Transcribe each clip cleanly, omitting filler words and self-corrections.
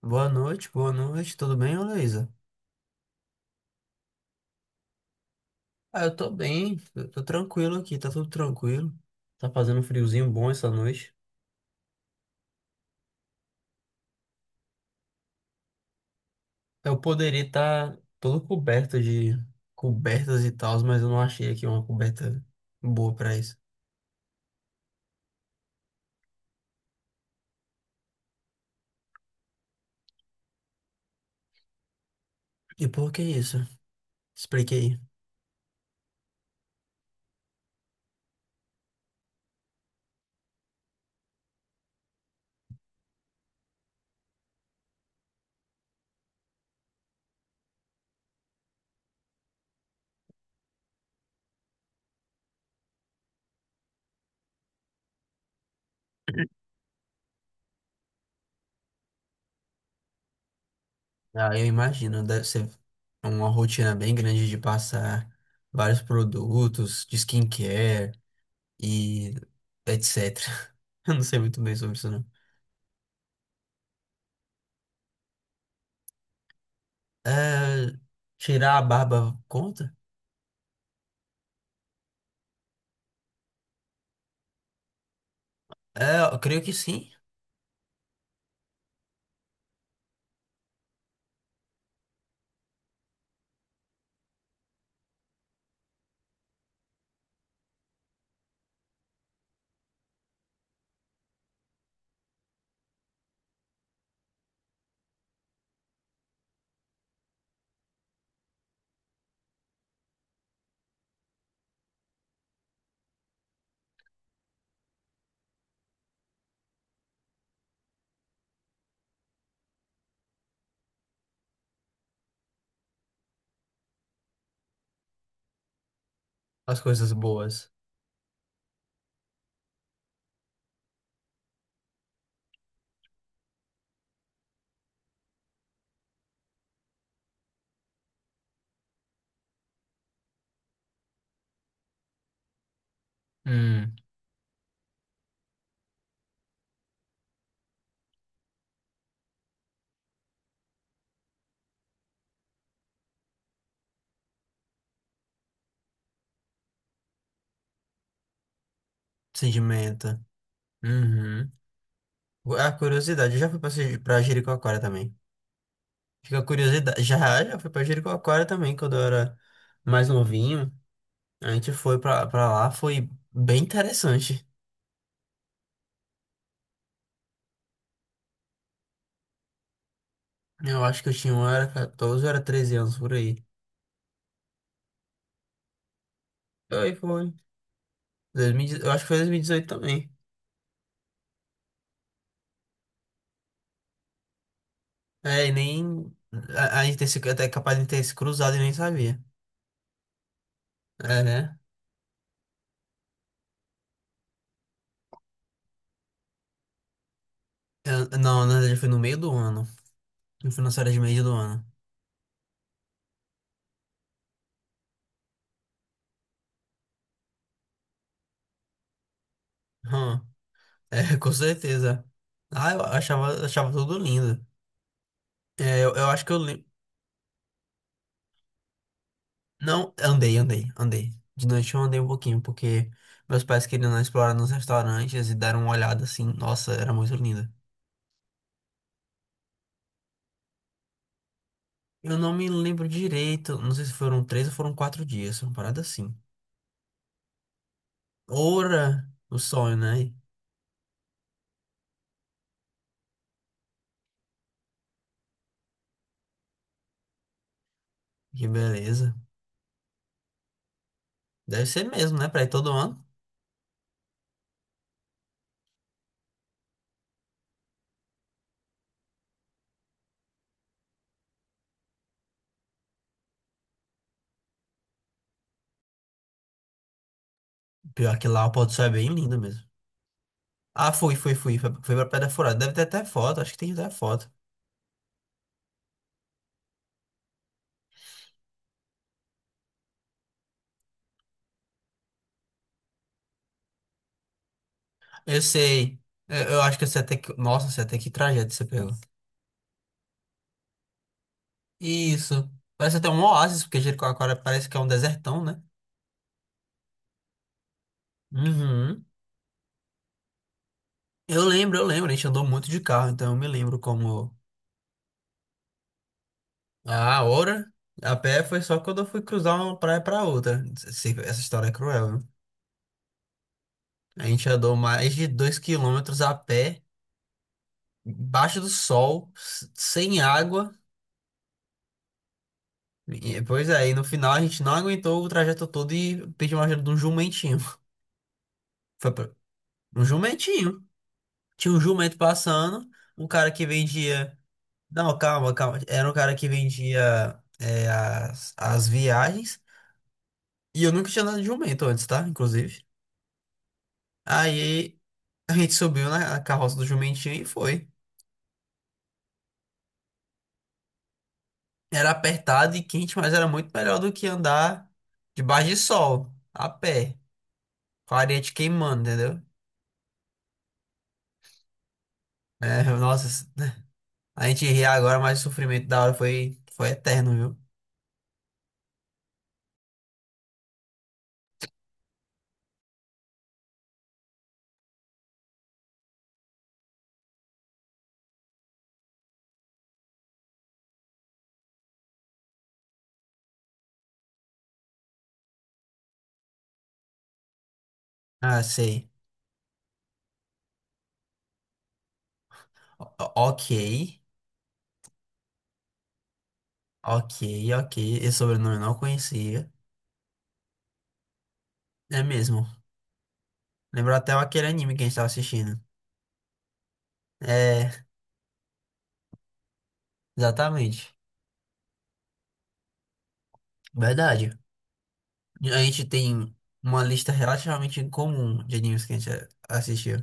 Boa noite, tudo bem, ô Luísa? Ah, eu tô bem, eu tô tranquilo aqui, tá tudo tranquilo. Tá fazendo um friozinho bom essa noite. Eu poderia estar todo coberto de cobertas e tals, mas eu não achei aqui uma coberta boa pra isso. E por que isso? Expliquei. Ah, eu imagino, deve ser uma rotina bem grande de passar vários produtos de skincare e etc. Eu não sei muito bem sobre isso, não. É, tirar a barba conta? É, eu creio que sim. As coisas boas. Hum, sedimenta. Uhum. É. A curiosidade, eu já fui pra, pra Jericoacoara também. Fica a curiosidade. Já fui pra Jericoacoara também, quando eu era mais novinho. A gente foi pra, pra lá, foi bem interessante. Eu acho que eu tinha, eu era 14, eu era 13 anos por aí. Foi, foi. 2018. Eu acho que foi 2018 também. É, e nem. A gente tem até capaz de ter se cruzado e nem sabia. É. Não, na verdade foi no meio do ano. Eu fui nas férias de meio do ano. Hum, é, com certeza. Ah, eu achava, achava tudo lindo. É, eu acho que eu. Não, andei. De noite eu andei um pouquinho, porque meus pais queriam explorar nos restaurantes e deram uma olhada assim. Nossa, era muito lindo. Eu não me lembro direito. Não sei se foram três ou foram quatro dias. Uma parada assim. Ora, o sonho, né? Que beleza. Deve ser mesmo, né? Pra ir todo ano. Pior que lá o pôr do sol é bem lindo mesmo. Ah, fui. Foi, foi pra Pedra Furada. Deve ter até foto, acho que tem até foto. Eu sei. Eu acho que eu sei até que. Nossa, eu sei até que trajeto você pegou. Isso. Parece até um oásis, porque Jericoacoara parece que é um desertão, né? Uhum. Eu lembro, eu lembro. A gente andou muito de carro, então eu me lembro como. Ah, ora. A pé foi só quando eu fui cruzar uma praia pra outra. Essa história é cruel, né? A gente andou mais de dois quilômetros a pé, embaixo do sol, sem água. E, pois é, e no final a gente não aguentou o trajeto todo e pediu uma ajuda de um jumentinho. Foi pra... Um jumentinho. Tinha um jumento passando, um cara que vendia. Não, calma. Era um cara que vendia as, as viagens. E eu nunca tinha andado de jumento antes, tá? Inclusive. Aí a gente subiu na carroça do jumentinho e foi. Era apertado e quente, mas era muito melhor do que andar debaixo de sol, a pé, com a areia te queimando, entendeu? É, nossa. A gente ri agora, mas o sofrimento da hora foi, foi eterno, viu? Ah, sei. Ok, ok, ok. Esse sobrenome eu não conhecia. É mesmo. Lembrou até aquele anime que a gente tava assistindo. É, exatamente. Verdade. A gente tem uma lista relativamente incomum de animes que a gente assistiu.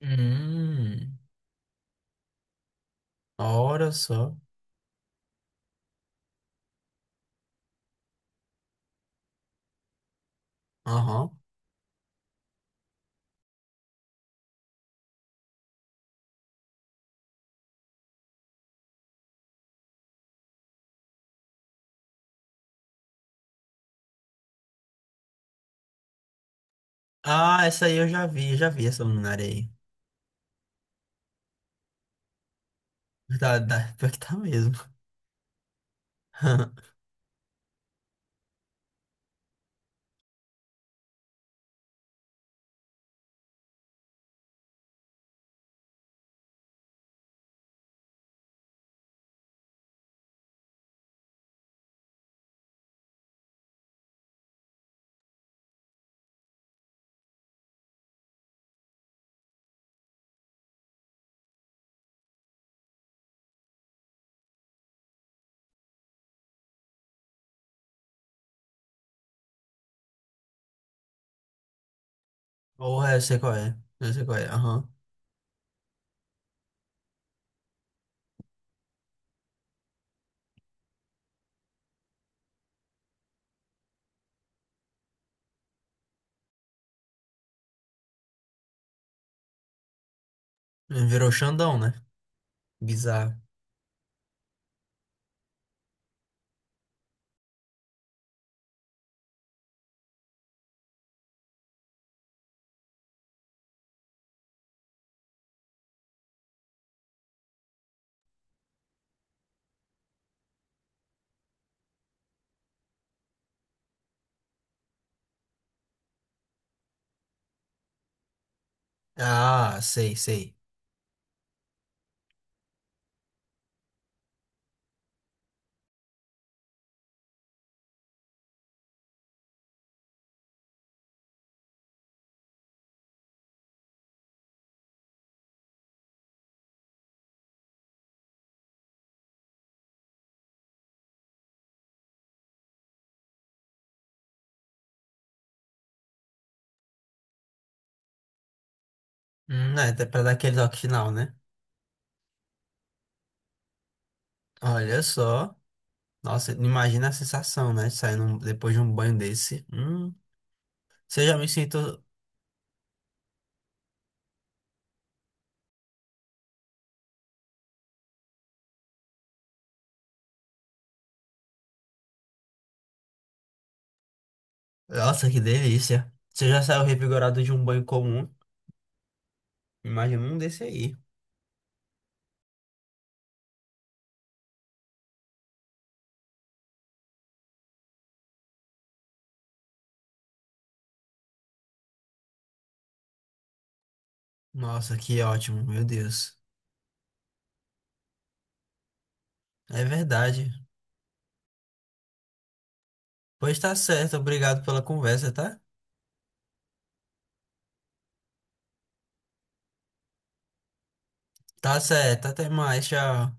Hum, olha só. Aham. Ah, essa aí eu já vi essa luminária aí. Tá, tá, pior que tá mesmo. Porra, eu sei qual é. Eu sei qual é. Aham. Virou Xandão, né? Bizarro. Ah, sei, sei. É, até pra dar aquele toque final, né? Olha só. Nossa, imagina a sensação, né? Saindo depois de um banho desse. Você já me sinto. Nossa, que delícia. Você já saiu revigorado de um banho comum? Imagina um desse aí. Nossa, que ótimo, meu Deus. É verdade. Pois tá certo, obrigado pela conversa, tá? Tá certo, até mais, tchau.